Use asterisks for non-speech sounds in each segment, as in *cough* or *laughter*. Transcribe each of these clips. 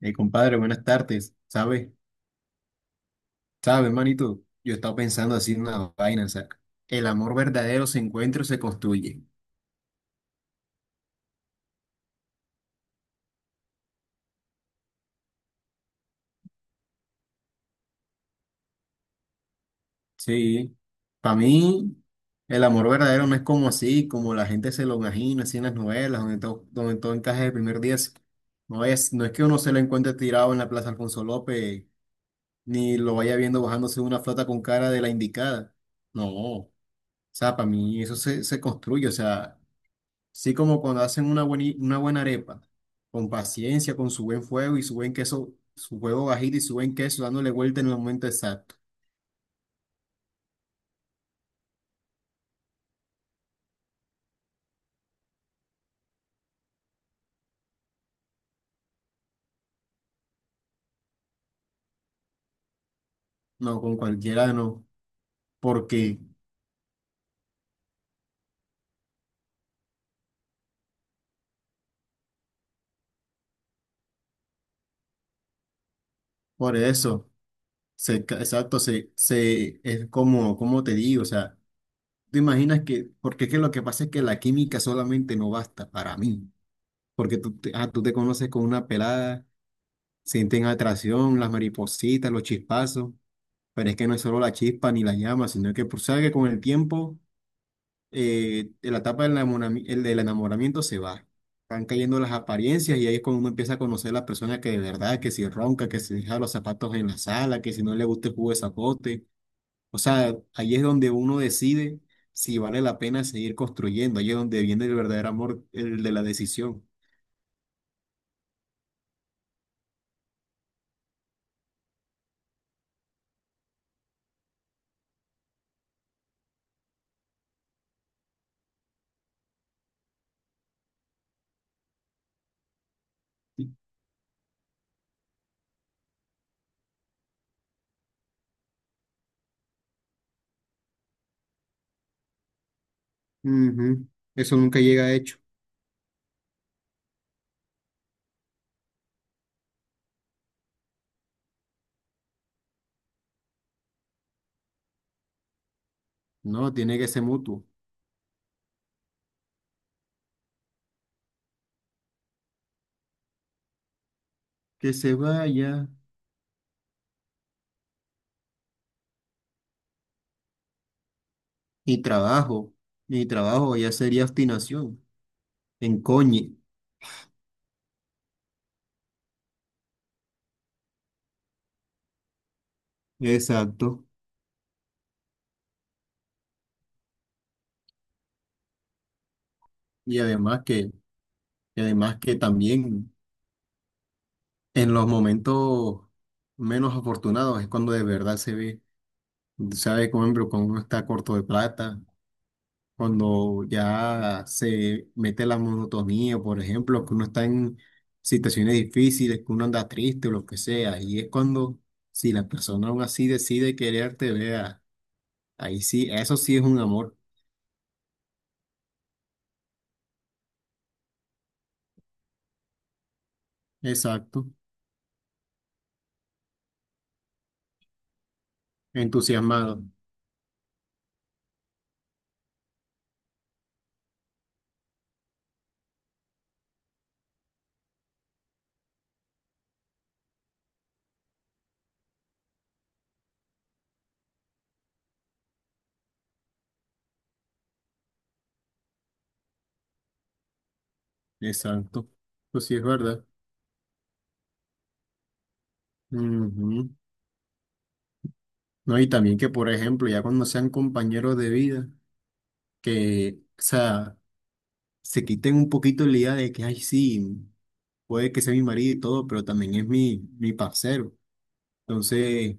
Compadre, buenas tardes. ¿Sabes? ¿Sabes, manito? Yo he estado pensando así en una vaina, o sea, el amor verdadero se encuentra o se construye. Sí. Para mí, el amor verdadero no es como así, como la gente se lo imagina, así en las novelas, donde todo encaja el primer día. No es que uno se lo encuentre tirado en la Plaza Alfonso López, ni lo vaya viendo bajándose de una flota con cara de la indicada. No. O sea, para mí eso se construye, o sea. Sí, como cuando hacen una buena arepa, con paciencia, con su buen fuego y su buen queso, su huevo bajito y su buen queso, dándole vuelta en el momento exacto. No, con cualquiera no, porque por eso, exacto, es como, como te digo, o sea, tú imaginas que, porque es que lo que pasa es que la química solamente no basta para mí, porque tú te conoces con una pelada, sienten atracción, las maripositas, los chispazos, pero es que no es solo la chispa ni la llama, sino que, pues, sabes que con el tiempo de la etapa del enamorami- el del enamoramiento se va. Van cayendo las apariencias y ahí es cuando uno empieza a conocer a la persona que de verdad, que si ronca, que si deja los zapatos en la sala, que si no le gusta el jugo de zapote. O sea, ahí es donde uno decide si vale la pena seguir construyendo. Ahí es donde viene el verdadero amor, el de la decisión. Ujú. Eso nunca llega hecho. No, tiene que ser mutuo. Que se vaya. Y trabajo. Y trabajo ya sería obstinación. Encoñe. Exacto. Y además que, y además que también en los momentos menos afortunados es cuando de verdad se ve, sabe, por ejemplo, cuando uno está corto de plata, cuando ya se mete la monotonía, por ejemplo, que uno está en situaciones difíciles, que uno anda triste o lo que sea, y es cuando si la persona aún así decide quererte, vea, ahí sí, eso sí es un amor, exacto, entusiasmado, exacto, eso sí es verdad. Ujú. No, y también que, por ejemplo, ya cuando sean compañeros de vida, que, o sea, se quiten un poquito la idea de que, ay, sí, puede que sea mi marido y todo, pero también es mi parcero. Entonces,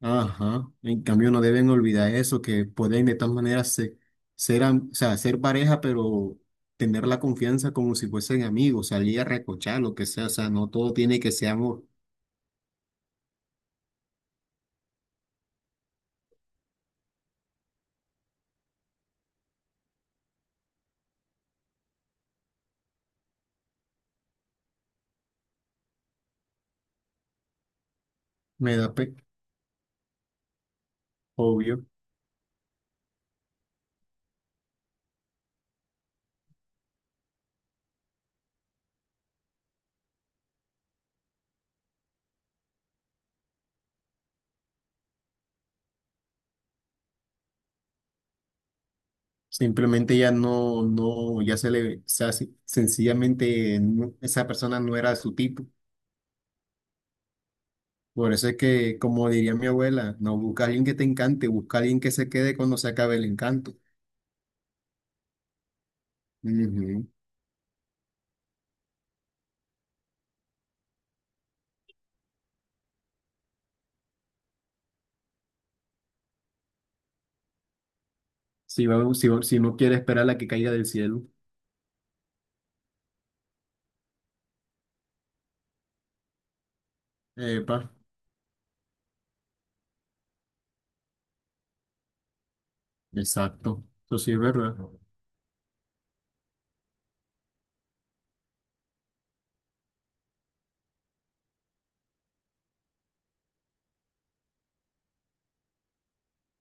ajá, en cambio no deben olvidar eso, que pueden de tal manera o sea, ser pareja, pero tener la confianza como si fuesen amigos, salir a recochar, lo que sea, o sea, no todo tiene que ser amor. Me da pe, obvio. Simplemente ya no, no, ya se le, o sea, sencillamente esa persona no era su tipo. Por eso es que, como diría mi abuela, no busca a alguien que te encante, busca a alguien que se quede cuando se acabe el encanto. Ujú. Si no quiere esperar a la que caiga del cielo. Epa, exacto. Eso sí es verdad.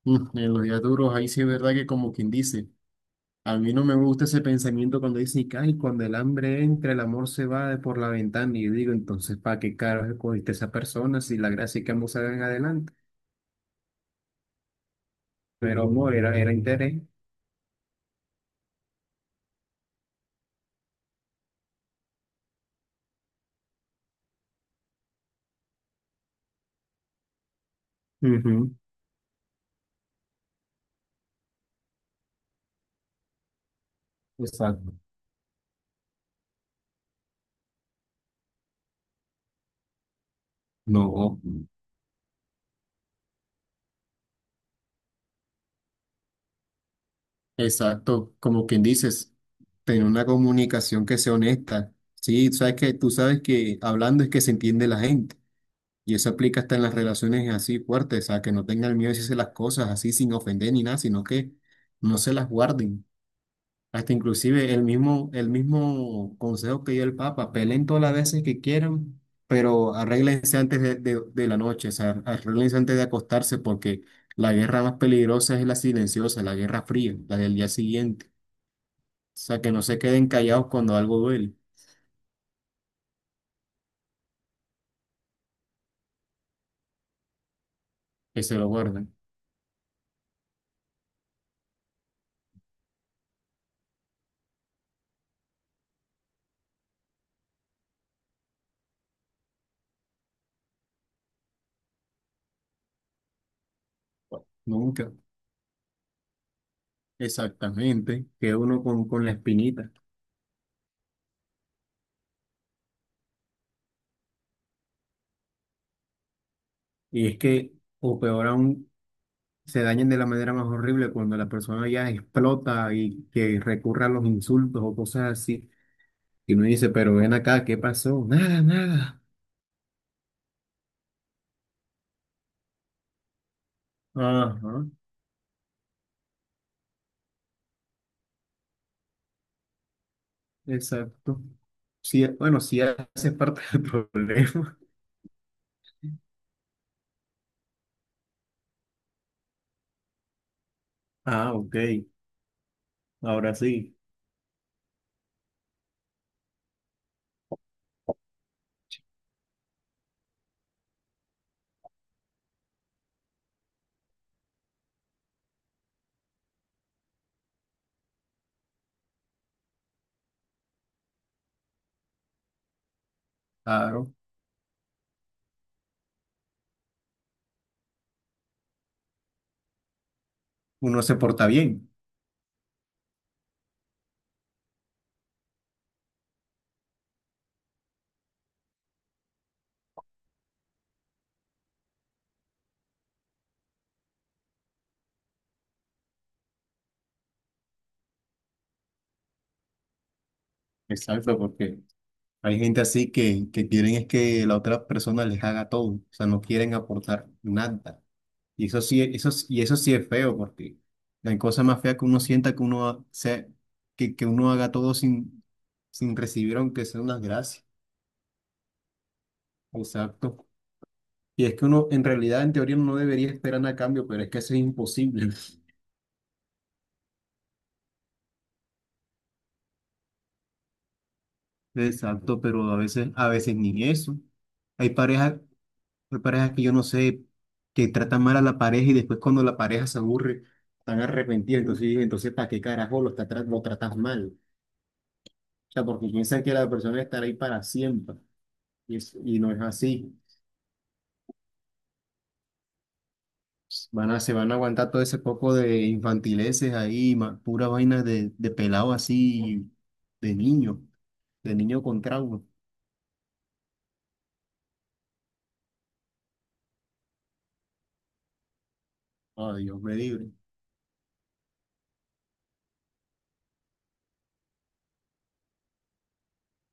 Mm, en los días duros, ahí sí es verdad que como quien dice. A mí no me gusta ese pensamiento cuando dicen, que, ay, cuando el hambre entra, el amor se va de por la ventana. Y yo digo, entonces, ¿para qué carajo escogiste a esa persona si la gracia es que ambos salgan adelante? Pero amor, era, era interés. Ujú, exacto. No, exacto, como quien dices, tener una comunicación que sea honesta. Sí, sabes que tú sabes que hablando es que se entiende la gente y eso aplica hasta en las relaciones así fuertes, o sea, que no tengan miedo de decirse las cosas así sin ofender ni nada, sino que no se las guarden. Hasta inclusive el mismo consejo que dio el Papa, peleen todas las veces que quieran, pero arréglense antes de la noche, o sea, arréglense antes de acostarse, porque la guerra más peligrosa es la silenciosa, la guerra fría, la del día siguiente. O sea, que no se queden callados cuando algo duele, que se lo guarden. Nunca. Exactamente. Queda uno con la espinita. Y es que, o peor aún, se dañen de la manera más horrible cuando la persona ya explota y que recurra a los insultos o cosas así. Y uno dice, pero ven acá, ¿qué pasó? Nada, nada. Ajá, exacto. Sí, bueno, sí hace parte del problema. *laughs* Ah, ok. Ahora sí, claro. Uno se porta bien. Exacto, porque hay gente así que quieren es que la otra persona les haga todo. O sea, no quieren aportar nada. Y eso sí, eso, y eso sí es feo, porque la cosa más fea que uno sienta que sea, que uno haga todo sin, sin recibir, aunque sea unas gracias. Exacto. Y es que uno, en realidad, en teoría, no debería esperar nada a cambio, pero es que eso es imposible. *laughs* Exacto, pero a veces ni eso. Hay parejas, hay parejas que yo no sé, que tratan mal a la pareja y después cuando la pareja se aburre, están arrepentidos. Entonces ¿para qué carajo lo tratas mal? O sea, porque piensan que la persona estará ahí para siempre. Y, y no es así. Se van a aguantar todo ese poco de infantileces ahí, pura vaina de pelado así, de niño, de niño con trauma. Ah, Dios me libre.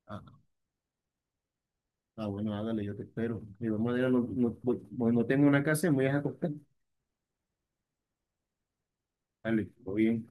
Ah, ah, bueno, hágale, yo te espero. De igual manera, no, no, no tengo una casa, me voy a acostar. Dale, todo bien.